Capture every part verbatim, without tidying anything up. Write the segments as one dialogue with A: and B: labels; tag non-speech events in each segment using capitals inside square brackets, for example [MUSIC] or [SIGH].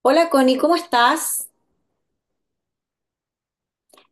A: Hola Connie, ¿cómo estás?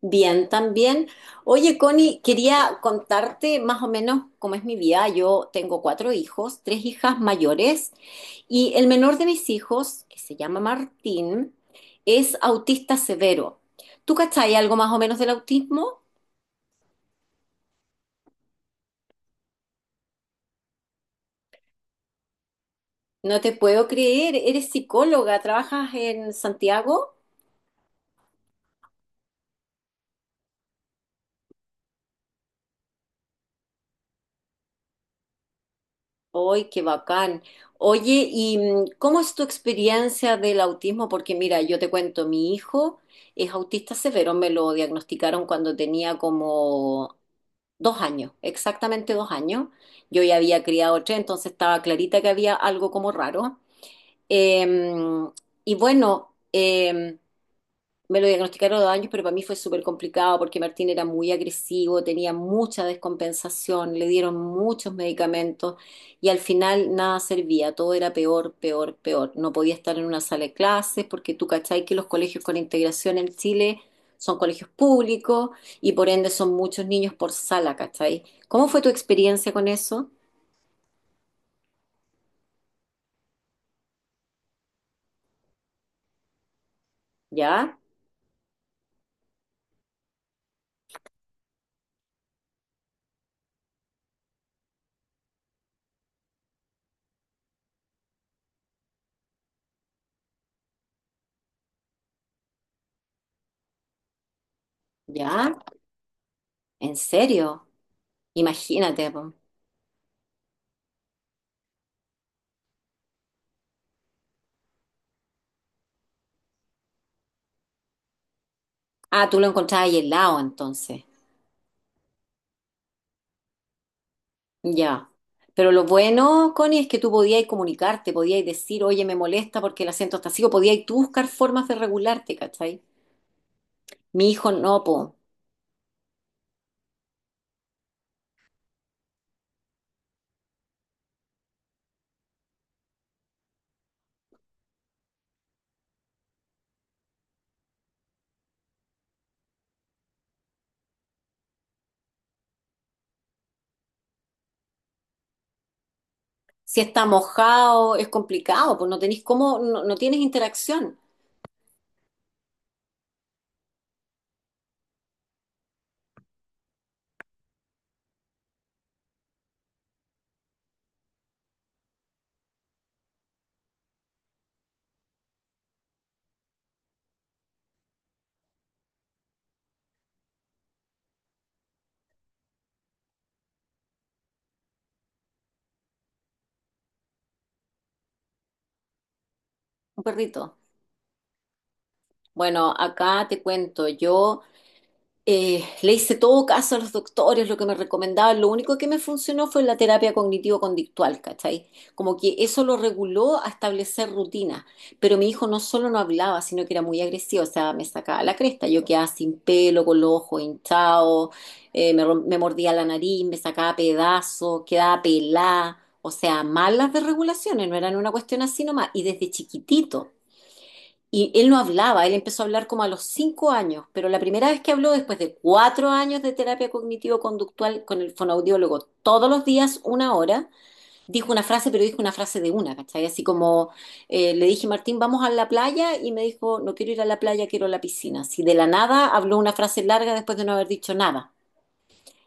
A: Bien, también. Oye Connie, quería contarte más o menos cómo es mi vida. Yo tengo cuatro hijos, tres hijas mayores y el menor de mis hijos, que se llama Martín, es autista severo. ¿Tú cachai algo más o menos del autismo? No te puedo creer, eres psicóloga, trabajas en Santiago. ¡Ay, qué bacán! Oye, ¿y mm, cómo es tu experiencia del autismo? Porque mira, yo te cuento, mi hijo es autista severo, me lo diagnosticaron cuando tenía como dos años, exactamente dos años. Yo ya había criado tres, entonces estaba clarita que había algo como raro. Em, y bueno, em, me lo diagnosticaron a los dos años, pero para mí fue súper complicado porque Martín era muy agresivo, tenía mucha descompensación, le dieron muchos medicamentos y al final nada servía, todo era peor, peor, peor. No podía estar en una sala de clases porque tú cachai que los colegios con integración en Chile son colegios públicos y por ende son muchos niños por sala, ¿cachai? ¿Cómo fue tu experiencia con eso? ¿Ya? ¿Ya? ¿En serio? Imagínate, po. Ah, tú lo encontrabas ahí helado entonces. Ya. Pero lo bueno, Connie, es que tú podías comunicarte, podías decir, oye, me molesta porque el acento está así, o podías tú buscar formas de regularte, ¿cachai? Mi hijo no, po. Si está mojado, es complicado, pues no tenés cómo, no, no tienes interacción, un perrito. Bueno, acá te cuento, yo Eh, le hice todo caso a los doctores, lo que me recomendaban. Lo único que me funcionó fue la terapia cognitivo-conductual, ¿cachai? Como que eso lo reguló a establecer rutinas. Pero mi hijo no solo no hablaba, sino que era muy agresivo, o sea, me sacaba la cresta. Yo quedaba sin pelo, con los ojos hinchados, eh, me, rom- me mordía la nariz, me sacaba pedazos, quedaba pelada. O sea, malas desregulaciones, no eran una cuestión así nomás. Y desde chiquitito. Y él no hablaba, él empezó a hablar como a los cinco años, pero la primera vez que habló, después de cuatro años de terapia cognitivo-conductual con el fonoaudiólogo, todos los días una hora, dijo una frase, pero dijo una frase de una, ¿cachai? Así como eh, le dije, Martín, vamos a la playa, y me dijo, no quiero ir a la playa, quiero a la piscina. Así de la nada habló una frase larga después de no haber dicho nada.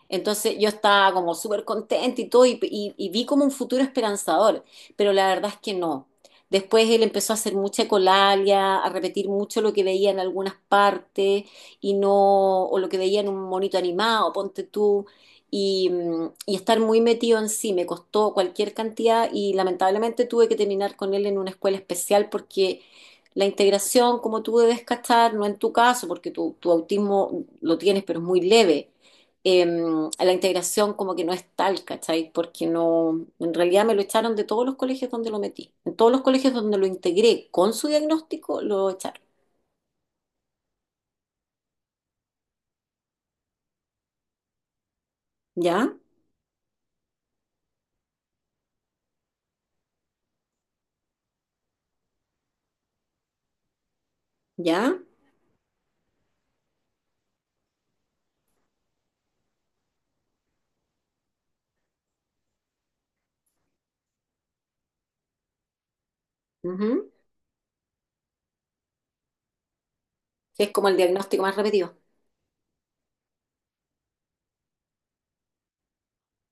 A: Entonces yo estaba como súper contenta y todo y, y- y vi como un futuro esperanzador, pero la verdad es que no. Después él empezó a hacer mucha ecolalia, a repetir mucho lo que veía en algunas partes y no, o lo que veía en un monito animado, ponte tú, y, mm, y estar muy metido en sí, me costó cualquier cantidad y lamentablemente tuve que terminar con él en una escuela especial porque la integración, como tú debes cachar, no en tu caso, porque tu tu autismo lo tienes, pero es muy leve eh, la integración como que no es tal, ¿cachai? Porque no, en realidad me lo echaron de todos los colegios donde lo metí. En todos los colegios donde lo integré con su diagnóstico, lo echaron. ¿Ya? ¿Ya? Ujú. Que es como el diagnóstico más repetido.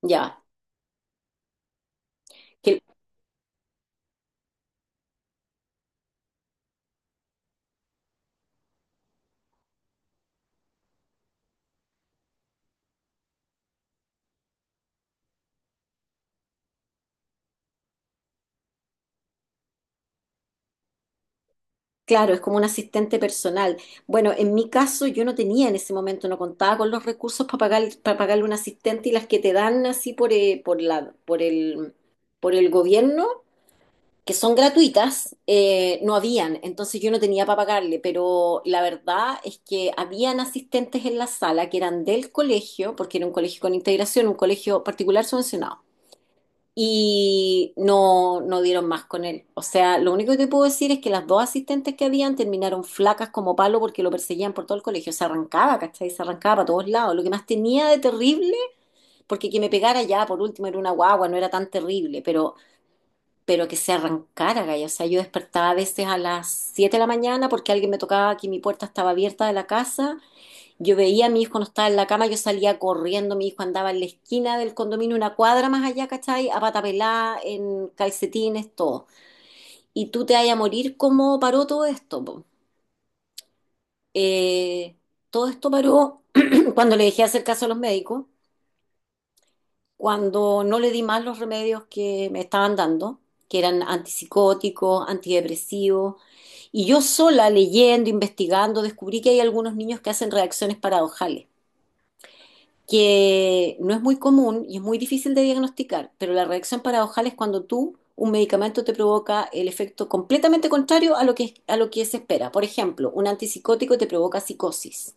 A: Ya. Que, claro, es como un asistente personal. Bueno, en mi caso yo no tenía en ese momento, no contaba con los recursos para pagar, para pagarle un asistente y las que te dan así por, eh, por la, por el, por el gobierno que son gratuitas, eh, no habían, entonces yo no tenía para pagarle, pero la verdad es que habían asistentes en la sala que eran del colegio, porque era un colegio con integración, un colegio particular subvencionado, y no, no dieron más con él. O sea, lo único que te puedo decir es que las dos asistentes que habían terminaron flacas como palo porque lo perseguían por todo el colegio, se arrancaba, ¿cachai? Se arrancaba para todos lados. Lo que más tenía de terrible, porque que me pegara ya, por último, era una guagua, no era tan terrible, pero pero que se arrancara, Gaya. O sea, yo despertaba a veces a las siete de la mañana porque alguien me tocaba que mi puerta estaba abierta de la casa. Yo veía a mi hijo no estaba en la cama, yo salía corriendo, mi hijo andaba en la esquina del condominio, una cuadra más allá, ¿cachai? A pata pelá, en calcetines, todo. Y tú te vayas a morir, ¿cómo paró todo esto, po? Eh, todo esto paró [CLEARS THROAT] cuando le dejé hacer caso a los médicos cuando no le di más los remedios que me estaban dando, que eran antipsicóticos, antidepresivos, y yo sola leyendo, investigando, descubrí que hay algunos niños que hacen reacciones paradojales, que no es muy común y es muy difícil de diagnosticar, pero la reacción paradojal es cuando tú, un medicamento te provoca el efecto completamente contrario a lo que, a lo que se espera. Por ejemplo, un antipsicótico te provoca psicosis.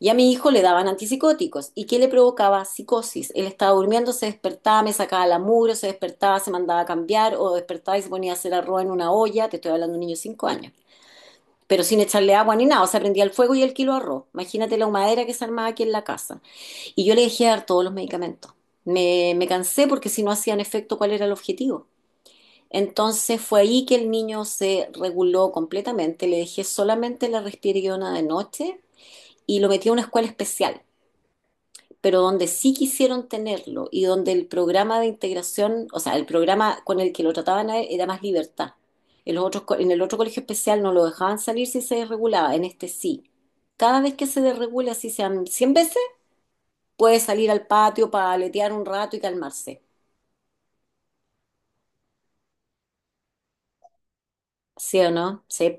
A: Y a mi hijo le daban antipsicóticos. ¿Y qué le provocaba? Psicosis. Él estaba durmiendo, se despertaba, me sacaba la mugre, se despertaba, se mandaba a cambiar o despertaba y se ponía a hacer arroz en una olla. Te estoy hablando de un niño de cinco años. Pero sin echarle agua ni nada. O sea, prendía el fuego y el kilo de arroz. Imagínate la humadera que se armaba aquí en la casa. Y yo le dejé de dar todos los medicamentos. Me, me cansé porque si no hacían efecto, ¿cuál era el objetivo? Entonces fue ahí que el niño se reguló completamente. Le dejé solamente la risperidona de noche y lo metí a una escuela especial pero donde sí quisieron tenerlo y donde el programa de integración, o sea, el programa con el que lo trataban a él era más libertad. En, los otros co- en el otro colegio especial no lo dejaban salir si se desregulaba, en este sí. Cada vez que se desregula, si sean cien veces, puede salir al patio para aletear un rato y calmarse. ¿Sí o no? Sí,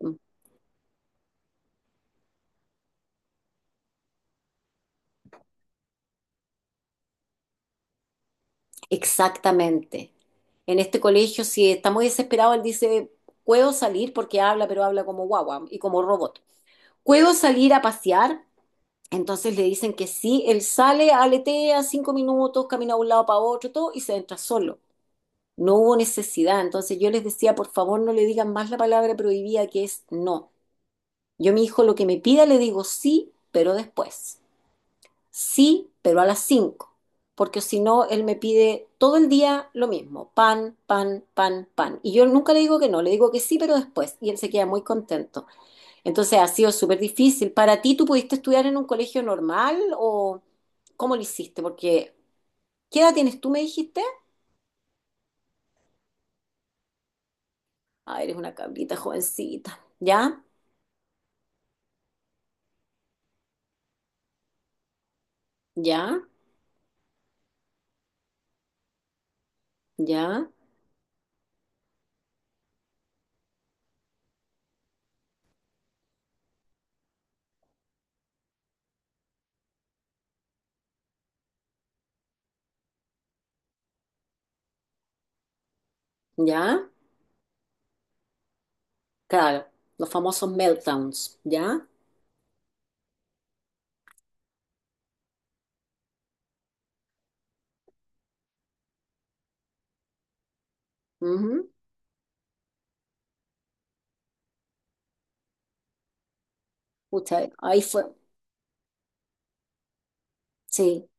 A: exactamente. En este colegio, si está muy desesperado, él dice, puedo salir porque habla, pero habla como guagua y como robot. ¿Puedo salir a pasear? Entonces le dicen que sí, él sale, aletea cinco minutos, camina de un lado para otro, todo, y se entra solo. No hubo necesidad. Entonces yo les decía, por favor, no le digan más la palabra prohibida que es no. Yo a mi hijo lo que me pida le digo sí, pero después. Sí, pero a las cinco. Porque si no, él me pide todo el día lo mismo, pan, pan, pan, pan. Y yo nunca le digo que no, le digo que sí, pero después. Y él se queda muy contento. Entonces ha sido súper difícil. ¿Para ti tú pudiste estudiar en un colegio normal o cómo lo hiciste? Porque, ¿qué edad tienes tú, me dijiste? Ah, eres una cabrita jovencita. ¿Ya? ¿Ya? ¿Ya? ¿Ya? Claro, los famosos meltdowns. ¿Ya? Ujú. Pucha, ahí fue. Sí,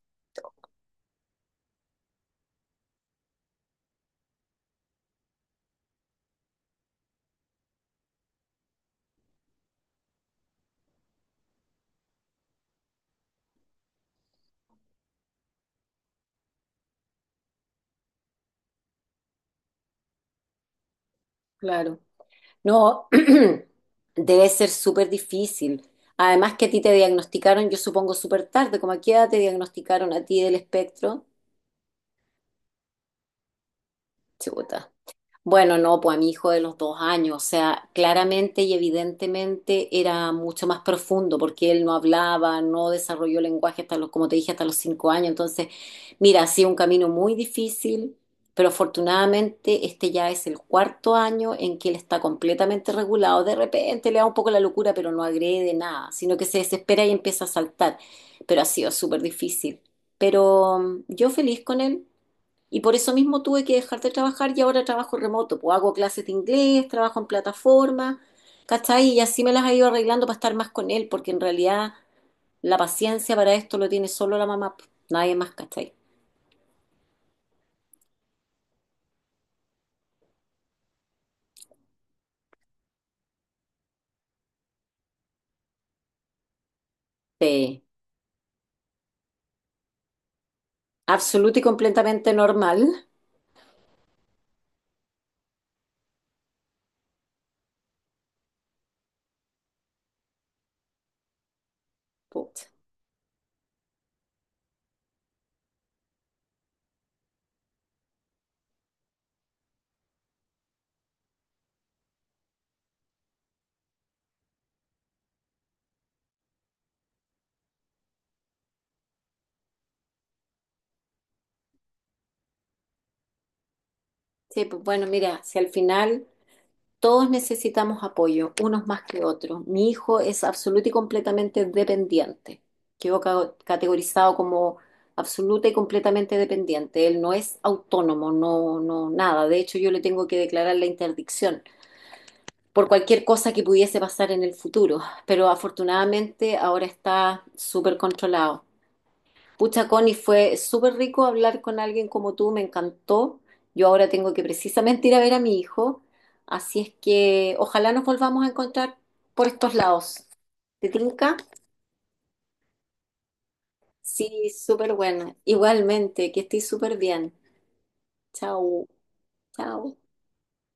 A: claro. No, [CLEARS THROAT] debe ser súper difícil. Además que a ti te diagnosticaron, yo supongo, súper tarde. ¿Cómo a qué edad te diagnosticaron a ti del espectro? Chuta. Bueno, no, pues a mi hijo de los dos años, o sea, claramente y evidentemente era mucho más profundo porque él no hablaba, no desarrolló lenguaje hasta los, como te dije, hasta los cinco años. Entonces, mira, ha sido un camino muy difícil, pero afortunadamente este ya es el cuarto año en que él está completamente regulado. De repente le da un poco la locura, pero no agrede nada, sino que se desespera y empieza a saltar. Pero ha sido súper difícil. Pero mm, yo feliz con él. Y por eso mismo tuve que dejar de trabajar y ahora trabajo remoto. Pues hago clases de inglés, trabajo en plataforma, ¿cachai? Y así me las he ido arreglando para estar más con él, porque en realidad la paciencia para esto lo tiene solo la mamá, pues, nadie más, ¿cachai? Sí, absoluto y completamente normal. Puta. Sí, pues bueno, mira, si al final todos necesitamos apoyo, unos más que otros. Mi hijo es absoluto y completamente dependiente. Quedó ca- categorizado como absoluta y completamente dependiente. Él no es autónomo, no, no, nada. De hecho, yo le tengo que declarar la interdicción por cualquier cosa que pudiese pasar en el futuro. Pero afortunadamente ahora está súper controlado. Pucha, Connie, fue súper rico hablar con alguien como tú, me encantó. Yo ahora tengo que precisamente ir a ver a mi hijo, así es que ojalá nos volvamos a encontrar por estos lados. ¿Te tinca? Sí, súper buena. Igualmente, que estés súper bien. Chao, chao.